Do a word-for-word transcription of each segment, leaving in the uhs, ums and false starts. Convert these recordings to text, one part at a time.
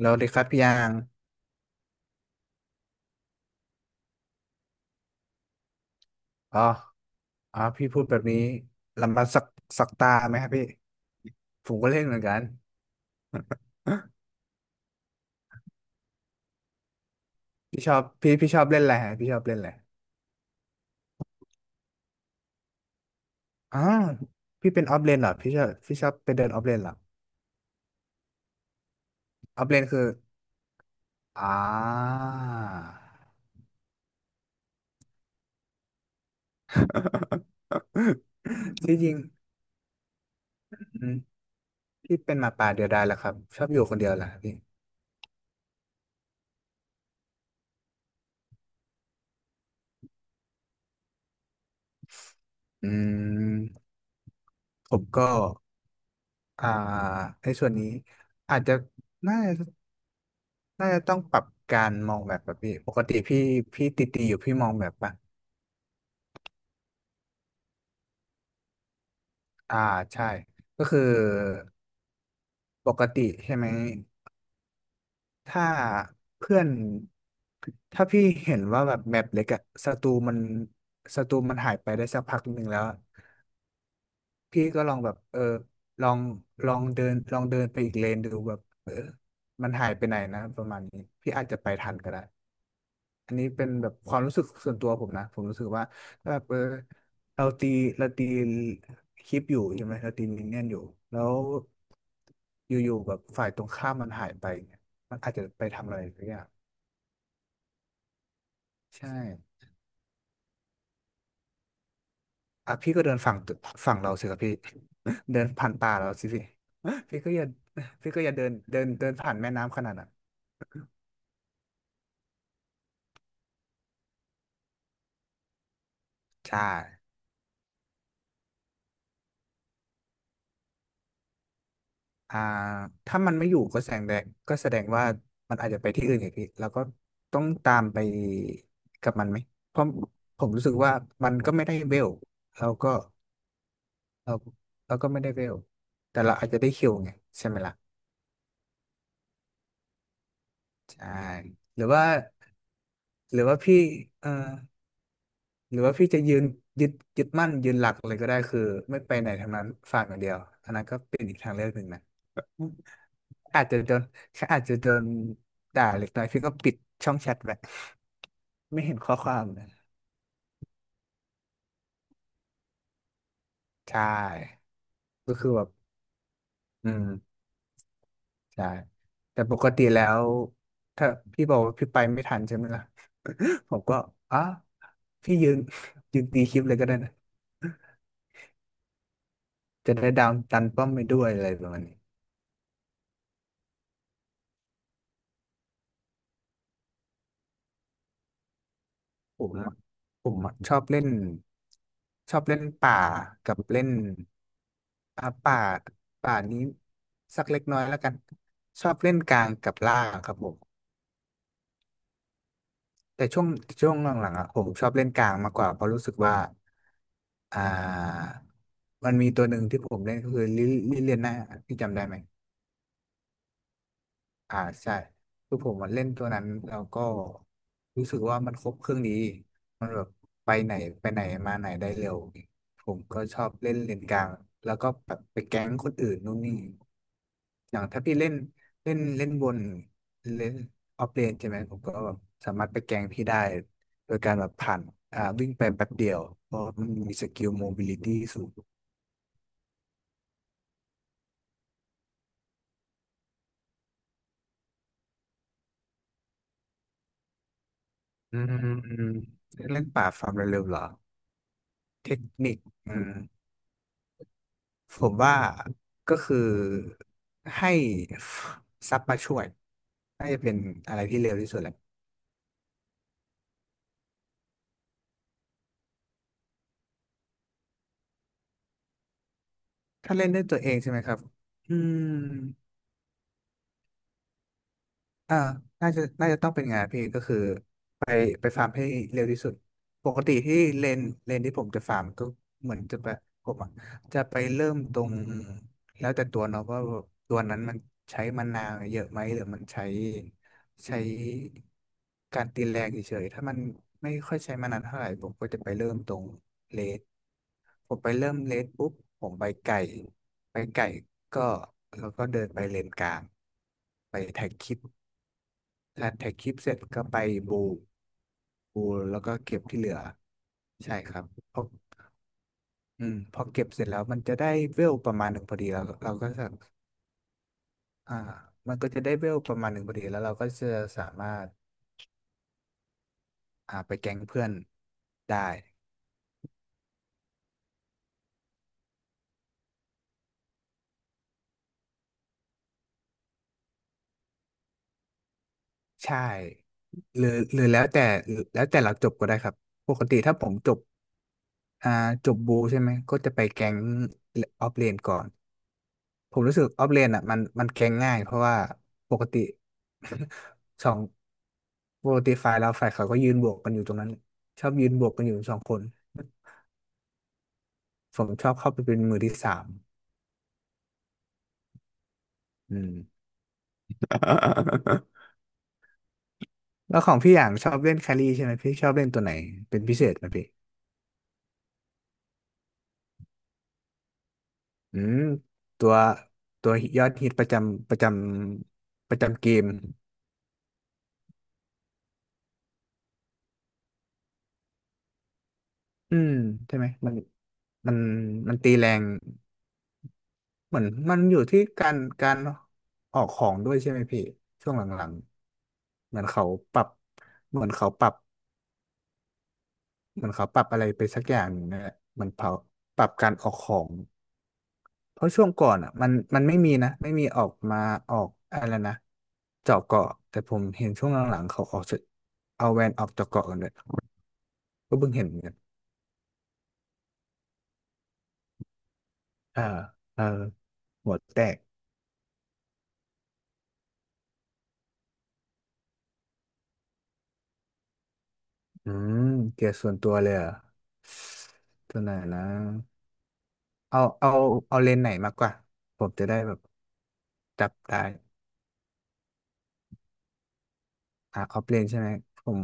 แล้วดีครับพี่ยางอ๋ออ๋อพี่พูดแบบนี้ลำบากสักสักตาไหมครับพี่ผมก็เล่นเหมือนกัน พี่ชอบพี่พี่ชอบเล่นอะไรฮะพี่ชอบเล่นอะไรอ๋อพี่เป็นออฟเลนเหรอพี่ชอบพี่ชอบไปเดินออฟเลนเหรอออฟเลนคืออ่า ที่จริงอืมพี่เป็นหมาป่าเดียวดายแหละครับชอบอยู่คนเดียวแหละพี่อืมผมก็อ่าในส่วนนี้อาจจะน่า น่าจะต้องปรับการมองแบบแบบพี่ ปกติพี่พี่ติตีอยู่พี่มองแบบปะอ่าใช่ ก็คือปกติใช่ไหมถ้าเพื่อนถ้าพี่เห็นว่าแบบแมปเล็กอะศัตรูมันศัตรูมันหายไปได้สักพักหนึ่งแล้วอะพี่ก็ลองแบบเออลองลองเดินลองเดินไปอีกเลนดูแบบเออมันหายไปไหนนะประมาณนี้ พี่อาจจะไปทันก็ได้ อันนี้เป็นแบบความรู้สึกส่วนตัวผมนะผมรู้สึกว่าถ้าแบบเออเราตีเราตีคลิปอยู่ใช่ไหมเราตีมินเนี่ยนอยู่แล้วอยู่ๆแบบฝ่ายตรงข้ามมันหายไปเนี่ยมันอาจจะไปทำอะไรสักอย่างใช่อ่ะพี่ก็เดินฝั่งตึกฝั่งเราสิครับพี่ เดินผ่านป่าเราสิพี่ พี่ก็อย่าพี่ก็อย่าเดินเดินเดินผ่านแม่น้ำขนาดนั้นใช่ อ่าถ้ามันไม่อยู่ก็แสดงก็แสดงว่ามันอาจจะไปที่อื่นอีกพี่แล้วก็ต้องตามไปกับมันไหมเพราะผมรู้สึกว่ามันก็ไม่ได้เวลเราก็เราเราก็ไม่ได้เวลแต่เราอาจจะได้คิวไงใช่ไหมล่ะใช่หรือว่าหรือว่าพี่เอ่อหรือว่าพี่จะยืนยึดยึดมั่นยืนหลักเลยก็ได้คือไม่ไปไหนทางนั้นฝากอย่างเดียวอันนั้นก็เป็นอีกทางเลือกหนึ่งนะ อาจจะโดนคอาจจะโดนด่าเล็กน้อยพี่ก็ปิดช่องแชทไปไม่เห็นข้อความนะใช่ ก็คือแบบอืม ใช่ แต่ปกติแล้วถ้าพี่บอกว่าพี่ไปไม่ทันใช่ไหมล่ะ ผมก็อ๋อพี่ยืนยืนตีคลิปเลยก็ได้นะจะได้ดาวน์ตันป้อมไปด้วยอะไรประมาณนี้ ผมอะผมอะชอบเล่นชอบเล่นป่ากับเล่นอ่าป่าป่านี้สักเล็กน้อยแล้วกันชอบเล่นกลางกับล่างครับผมแต่ช่วงช่วงหลังๆอ่ะผมชอบเล่นกลางมากกว่าเพราะรู้สึกว่าอ่ามันมีตัวหนึ่งที่ผมเล่นก็คือลิลิเลียน่าพี่จำได้ไหม อ่าใช่คือผมมันเล่นตัวนั้นแล้วก็รู้สึกว่ามันครบเครื่องดีมันแบบไปไหนไปไหนมาไหนได้เร็วผมก็ชอบเล่นเลนกลางแล้วก็แบบไปแก๊งคนอื่นนู่นนี่อย่างถ้าพี่เล่นเล่นเล่นบนเล่นออฟเลนใช่ไหมผมก็แบบสามารถไปแกงพี่ได้โดยการแบบผ่านอ่าวิ่งไปแป๊บเดียวเพราะมันมีสกิลโมบิลิตี้สูงอืมอืมอืมเล่นป่าฟาร์มเร็วๆเหรอเทคนิคอืม ผมว่าก็คือให้ซับมาช่วยน่าจะเป็นอะไรที่เร็วที่สุดแหละถ้าเล่นด้วยตัวเองใช่ไหมครับอืม อ่าน่าจะน่าจะต้องเป็นไงานพี่ก็คือ ไปไปฟาร์มให้เร็วที่สุดปกติที่เลนเลนที่ผมจะฟาร์มก็เหมือนจะไปผมอะจะไปเริ่มตรงแล้วแต่ตัวเนาะว่าตัวนั้นมันใช้มะนาวเยอะไหมหรือมันใช้ใช้การตีแรงเฉยๆถ้ามันไม่ค่อยใช้มานานเท่าไหร่ผมก็จะไปเริ่มตรงเลสผมไปเริ่มเลสปุ๊บผมไปไก่ไปไก่ ก็แล้วก็เดินไปเลนกลาง ไปแท็กคลิป อ่าแท็กคลิปเสร็จก็ไปบูบูแล้วก็เก็บที่เหลือใช่ครับพออืมพอเก็บเสร็จแล้วมันจะได้เวลประมาณหนึ่งพอดีแล้วเราก็จะอ่ามันก็จะได้เวลประมาณหนึ่งพอดีแล้วเราก็จะสามารถอ่าไปแก๊งเพื่อนได้ใช่หรือหรือแล้วแต่แล้วแต่เราจบก็ได้ครับปกติถ้าผมจบอ่าจบบูใช่ไหมก็จะไปแก๊งออฟเลนก่อน ผมรู้สึกออฟเลนอ่ะมันมันแก๊งง่ายเพราะว่าปกติ สองปกติฝ่ายเราฝ่ายเขาก็ยืนบวกกันอยู่ตรงนั้นชอบยืนบวกกันอยู่สองคนผมชอบเข้าไปเป็นมือที่สามอืม แล้วของพี่อย่างชอบเล่นแครี่ใช่ไหมพี่ชอบเล่นตัวไหนเป็นพิเศษไหมพี่อืมตัวตัวยอดฮิตประจำประจำประจำเกมอืมใช่ไหมมันมันมันตีแรง เหมือนมันอยู่ที่การการออกของด้วยใช่ไหมพี่ช่วงหลังๆเหมือนเขาปรับเหมือนเขาปรับเหมือนเขาปรับอะไรไปสักอย่างหนึ่งนนแหละเหมันเขาปรับการออกของเพราะช่วงก่อนอ่ะมันมันไม่มีนะไม่มีออกมาออกอะไรนะเจาะเกาะแต่ผมเห็นช่วงหลังๆเขาออกจะเอาแวนออกเจาะเกาะกันเลยก็เพิ่งเห็นเหมือนกันเออเออหัวแตกอืมเกียร์ส่วนตัวเลยเหรอ่ะตัวไหนนะ เอาเอาเอาเลนส์ไหนมากกว่าผมจะได้แบบจับได้อ่าออฟเลนใช่ไหมผม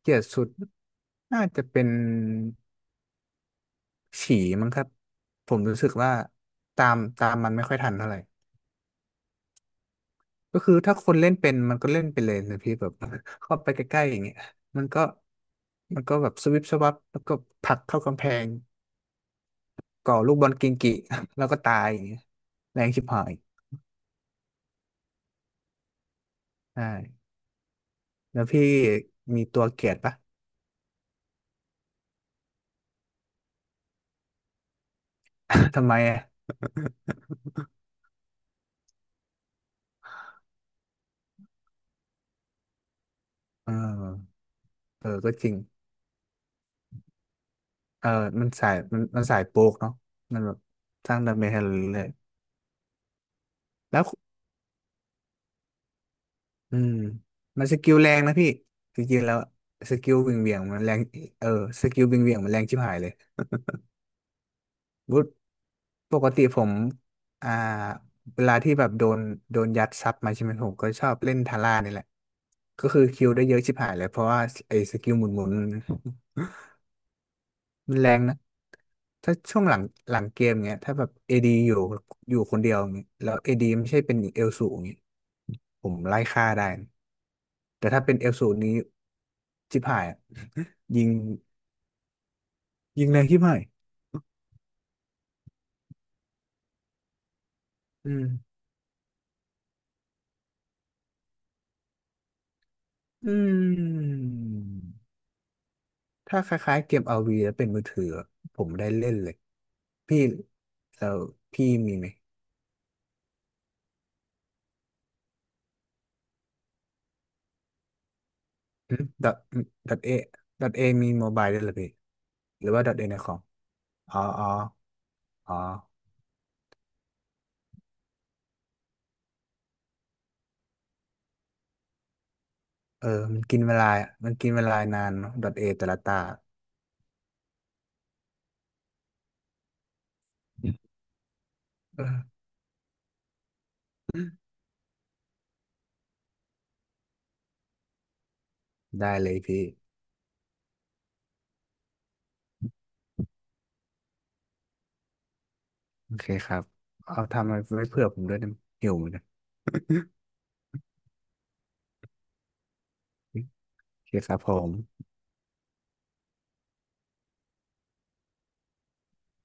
เกลียดสุดน่าจะเป็นฉี่มั้งครับผมรู้สึกว่าตามตามมันไม่ค่อยทันเท่าไหร่ก็คือถ้าคนเล่นเป็นมันก็เล่นไปเลยนะพี่แบบ เข้าไปใกล้ๆอย่างเงี้ยมันก็มันก็แบบสวิปสวับแล้วก็ผลักเข้ากำแพงก่อลูกบอลกิงกิ แล้วก็ตายอย่างเงี้ยแรงชิบหายใช่แล้วพี่มีตัวเกลียดปะ ทำไมอ่ะเออ เออก็จริงเออมันสายมันมันสายโปกเนาะมันแบบสร้างดาเมจให้เราเรื่อยๆแล้วอืมมันสกิลแรงนะพี่จริงๆแล้วสกิลวิ่งเหวี่ยงมันแรงเออสกิลวิ่งเหวี่ยงมันแรงชิบหายเลยวุฒปกติผมอ่าเวลาที่แบบโดนโดนยัดซับมาใช่ไหมผมก็ชอบเล่นทาร่านี่แหละก็คือคิวได้เยอะชิบหายเลยเพราะว่าไอ้สกิลหมุนๆ มันแรงนะถ้าช่วงหลังหลังเกมเงี้ยถ้าแบบเอดีอยู่อยู่คนเดียวเงี้ยแล้วเอดีไม่ใช่เป็นเอลสูงเงี้ยผมไล่ฆ่าได้นะแต่ถ้าเป็นเอลสูงนี้ชิบหายอะ ยิงยิงแรงชิบหายอืมอืมถ้าคล้ายๆเกมเอาร์วีแล้วเป็นมือถือผมได้เล่นเลยพี่แล้วพี่มีไหมอืมดอทดอทเอดอทเอมีโมบายด้วยเหรอพี่หรือว่าดอทเอในคอมอ๋ออ๋ออ๋อ เออ มันกินเวลามันกินเวลานานเนาะดอทเอแต่ละตาเออได้เลยพี่โอเคครับเอาทำไว้เผื่อผมด้วยนะหิวเหมือนกัน โอเคครับผม